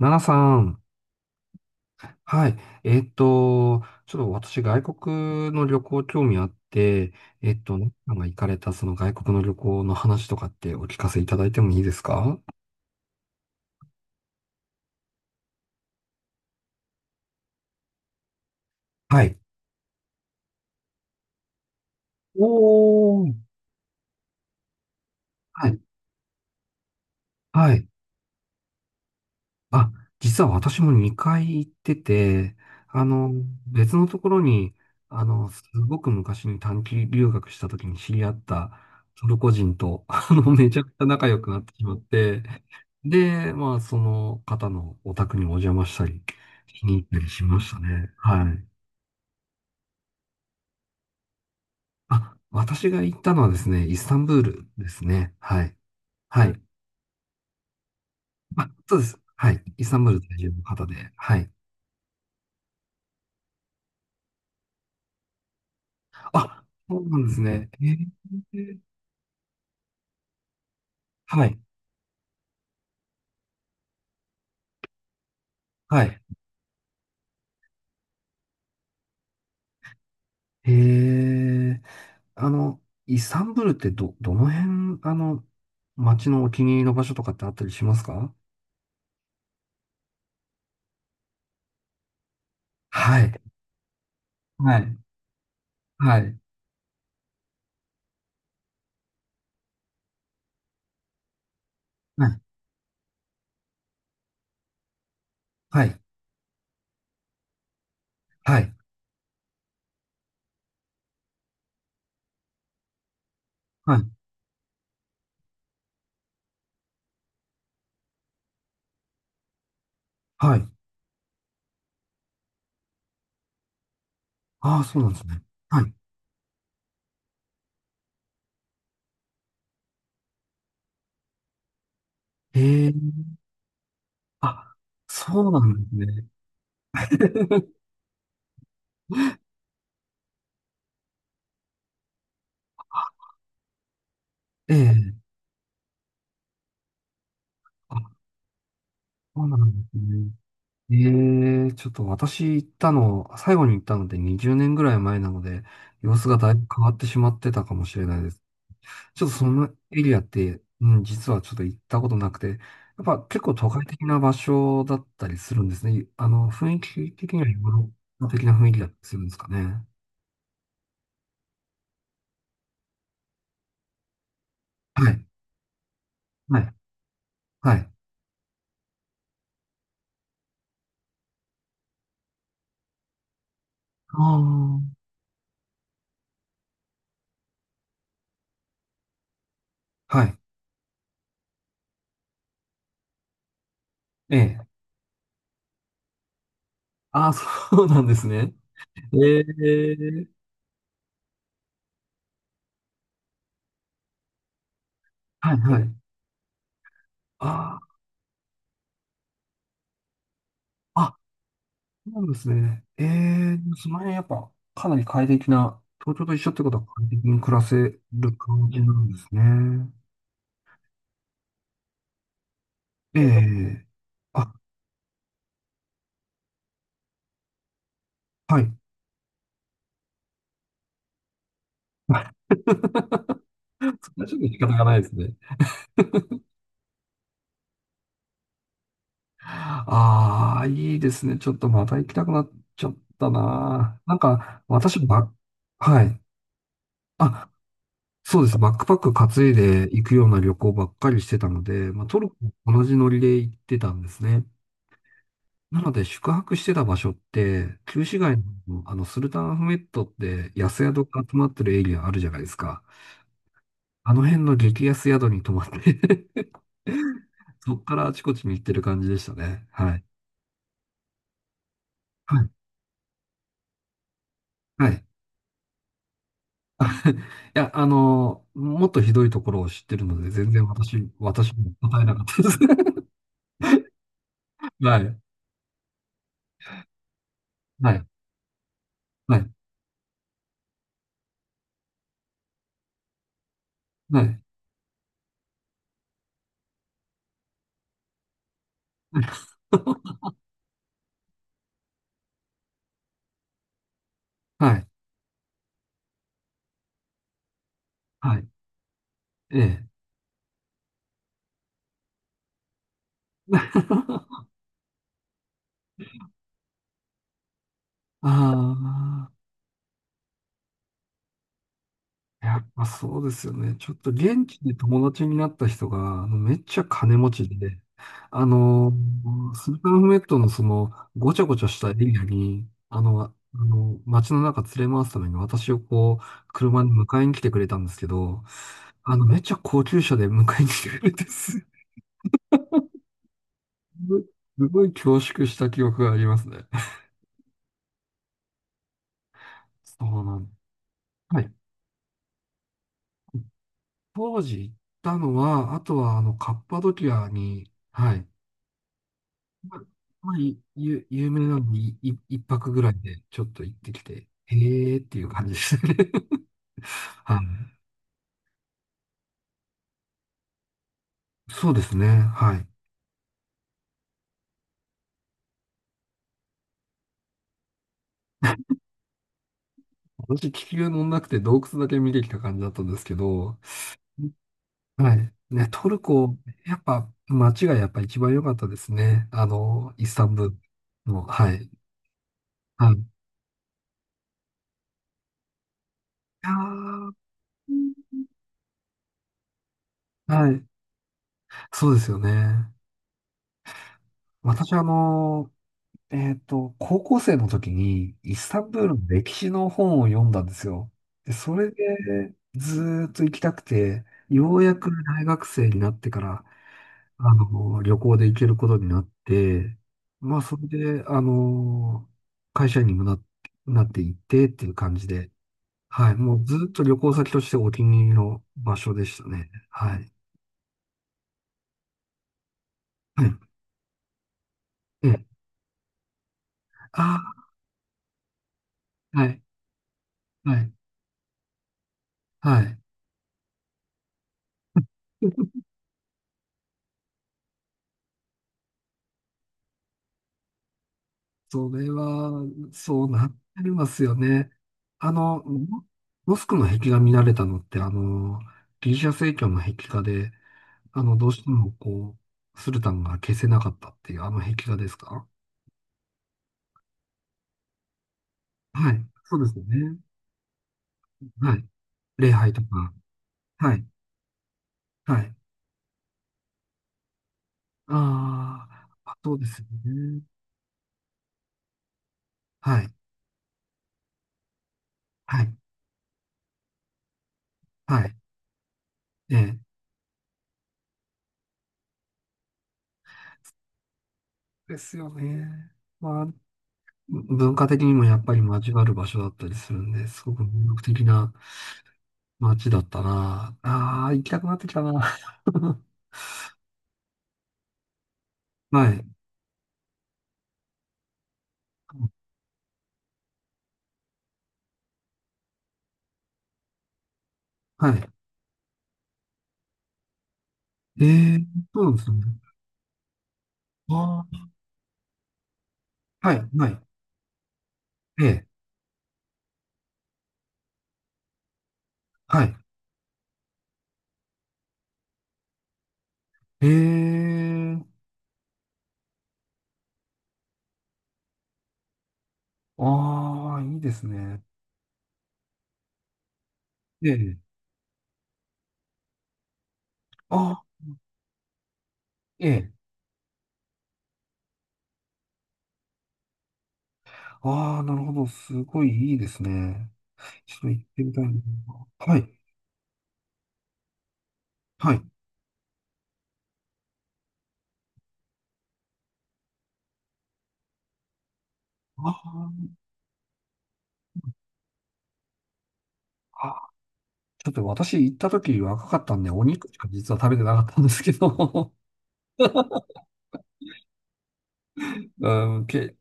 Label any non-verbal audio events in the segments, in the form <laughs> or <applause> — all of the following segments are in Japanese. ナナさん。はい。えっと、ちょっと私、外国の旅行興味あって、ナナさんが行かれたその外国の旅行の話とかってお聞かせいただいてもいいですか？はい。おー。はい。はい。あ、実は私も2回行ってて、あの、別のところに、すごく昔に短期留学した時に知り合ったトルコ人と、<laughs> めちゃくちゃ仲良くなってしまって、で、まあ、その方のお宅にお邪魔したり、しに行ったりしましたね。はい。あ、私が行ったのはですね、イスタンブールですね。はい。はい。あ、そうです。はい。イスタンブール在住の方で。はい。あ、そうなんですね。えーはい。はい。へえ。あの、イスタンブールってどの辺、街のお気に入りの場所とかってあったりしますか？はい。はい。はい。はい。はい。はい。はい。はい。ああ、そうなんですね。はい。へえ。あ、そうなんですね。<laughs> ええ。あ、そうなんですね。ええ、ちょっと私行ったの、最後に行ったので20年ぐらい前なので、様子がだいぶ変わってしまってたかもしれないです。ちょっとそのエリアって、うん、実はちょっと行ったことなくて、やっぱ結構都会的な場所だったりするんですね。雰囲気的にはヨーロッパ的な雰囲気だったりするんですかね？はい。はい。はい。ああ。はい。ええ。ああ、そうなんですね。ええ。はい、はい。ああ、あ、そうなんですね。ええ、その辺やっぱかなり快適な、東京と一緒ってことは快適に暮らせる感じなんですね。ええ。あ、はい。<laughs> それはちょっと仕方がないですね。ああ、いいですね。ちょっとまた行きたくなっちゃったな。なんか、はい。あ、そうです。バックパック担いで行くような旅行ばっかりしてたので、まあ、トルコも同じノリで行ってたんですね。なので、宿泊してた場所って、旧市街の、スルタンアフメットって安宿が集まってるエリアあるじゃないですか。あの辺の激安宿に泊まって <laughs> そっからあちこちに行ってる感じでしたね。はい。はい。はい <laughs> いや、もっとひどいところを知ってるので、全然私も答えなかったです。<laughs> はい。はい。はい。はい。<laughs> はい。はい。ええ。<laughs> ああ。やっぱそうですよね。ちょっと現地で友達になった人が、あのめっちゃ金持ちで、あの、スルタンフメットのその、ごちゃごちゃしたエリアに、街の中連れ回すために私をこう、車で迎えに来てくれたんですけど、めっちゃ高級車で迎えに来てくれてごい、すごい恐縮した記憶がありますね。そうなん、はい。当時行ったのは、あとはあの、カッパドキアに、はい。まあ、まあいゆ、有名なんで、一泊ぐらいでちょっと行ってきて、へえーっていう感じですね。<laughs> はい。そうですね。はい。私、気球乗んなくて洞窟だけ見てきた感じだったんですけど、はい。ね、トルコ、やっぱ街がやっぱ一番良かったですね。あの、イスタンブールの、はい。はい。いやーはい。そうですよね。私、高校生の時にイスタンブールの歴史の本を読んだんですよ。で、それでずーっと行きたくて、ようやく大学生になってから、旅行で行けることになって、まあ、それで、会社員にもな、なっていってっていう感じで、はい、もうずーっと旅行先としてお気に入りの場所でしたね。はい。<laughs> はい。ええ、ああ、はい、はい、はい。それは、そうなってますよね。あの、モモスクの壁画見られたのって、ギリシャ正教の壁画で、どうしてもスルタンが消せなかったっていう、あの壁画ですか？はい。そうですよね。はい。礼拝とか。はい。はい。あーあ、そうですよね。はい。はい。はい。ええ。ですよね。まあ、文化的にもやっぱり交わる場所だったりするんで、すごく魅力的な街だったな。ああ、行きたくなってきたな。<laughs> はい。はい。えー、そうなんですね。ああ、はい、はい。ええ、はい。えー、ああ、いいですね。ええ、あええ、ああ、なるほど。すごいいいですね。ちょっと行ってみたいな。はい、はい。あーあ、あちょっと私行った時若かったんで、お肉しか実は食べてなかったんですけど、<laughs> うん、ケ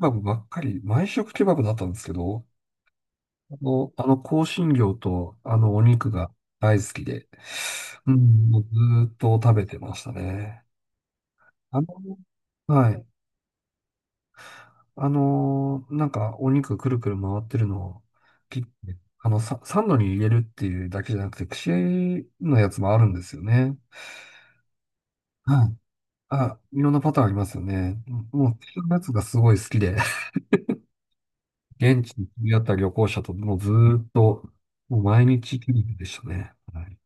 バブばっかり、毎食ケバブだったんですけど、あの香辛料とあのお肉が大好きで、うん、もうずーっと食べてましたね。あの、はい。なんかお肉くるくる回ってるのを切って、サンドに入れるっていうだけじゃなくて、串のやつもあるんですよね。はい。あ、いろんなパターンありますよね。もう、串のやつがすごい好きで、<laughs> 現地に出会った旅行者ともうずーっと、もう毎日切りでしたね。はい。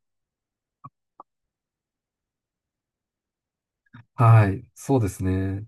はい、そうですね。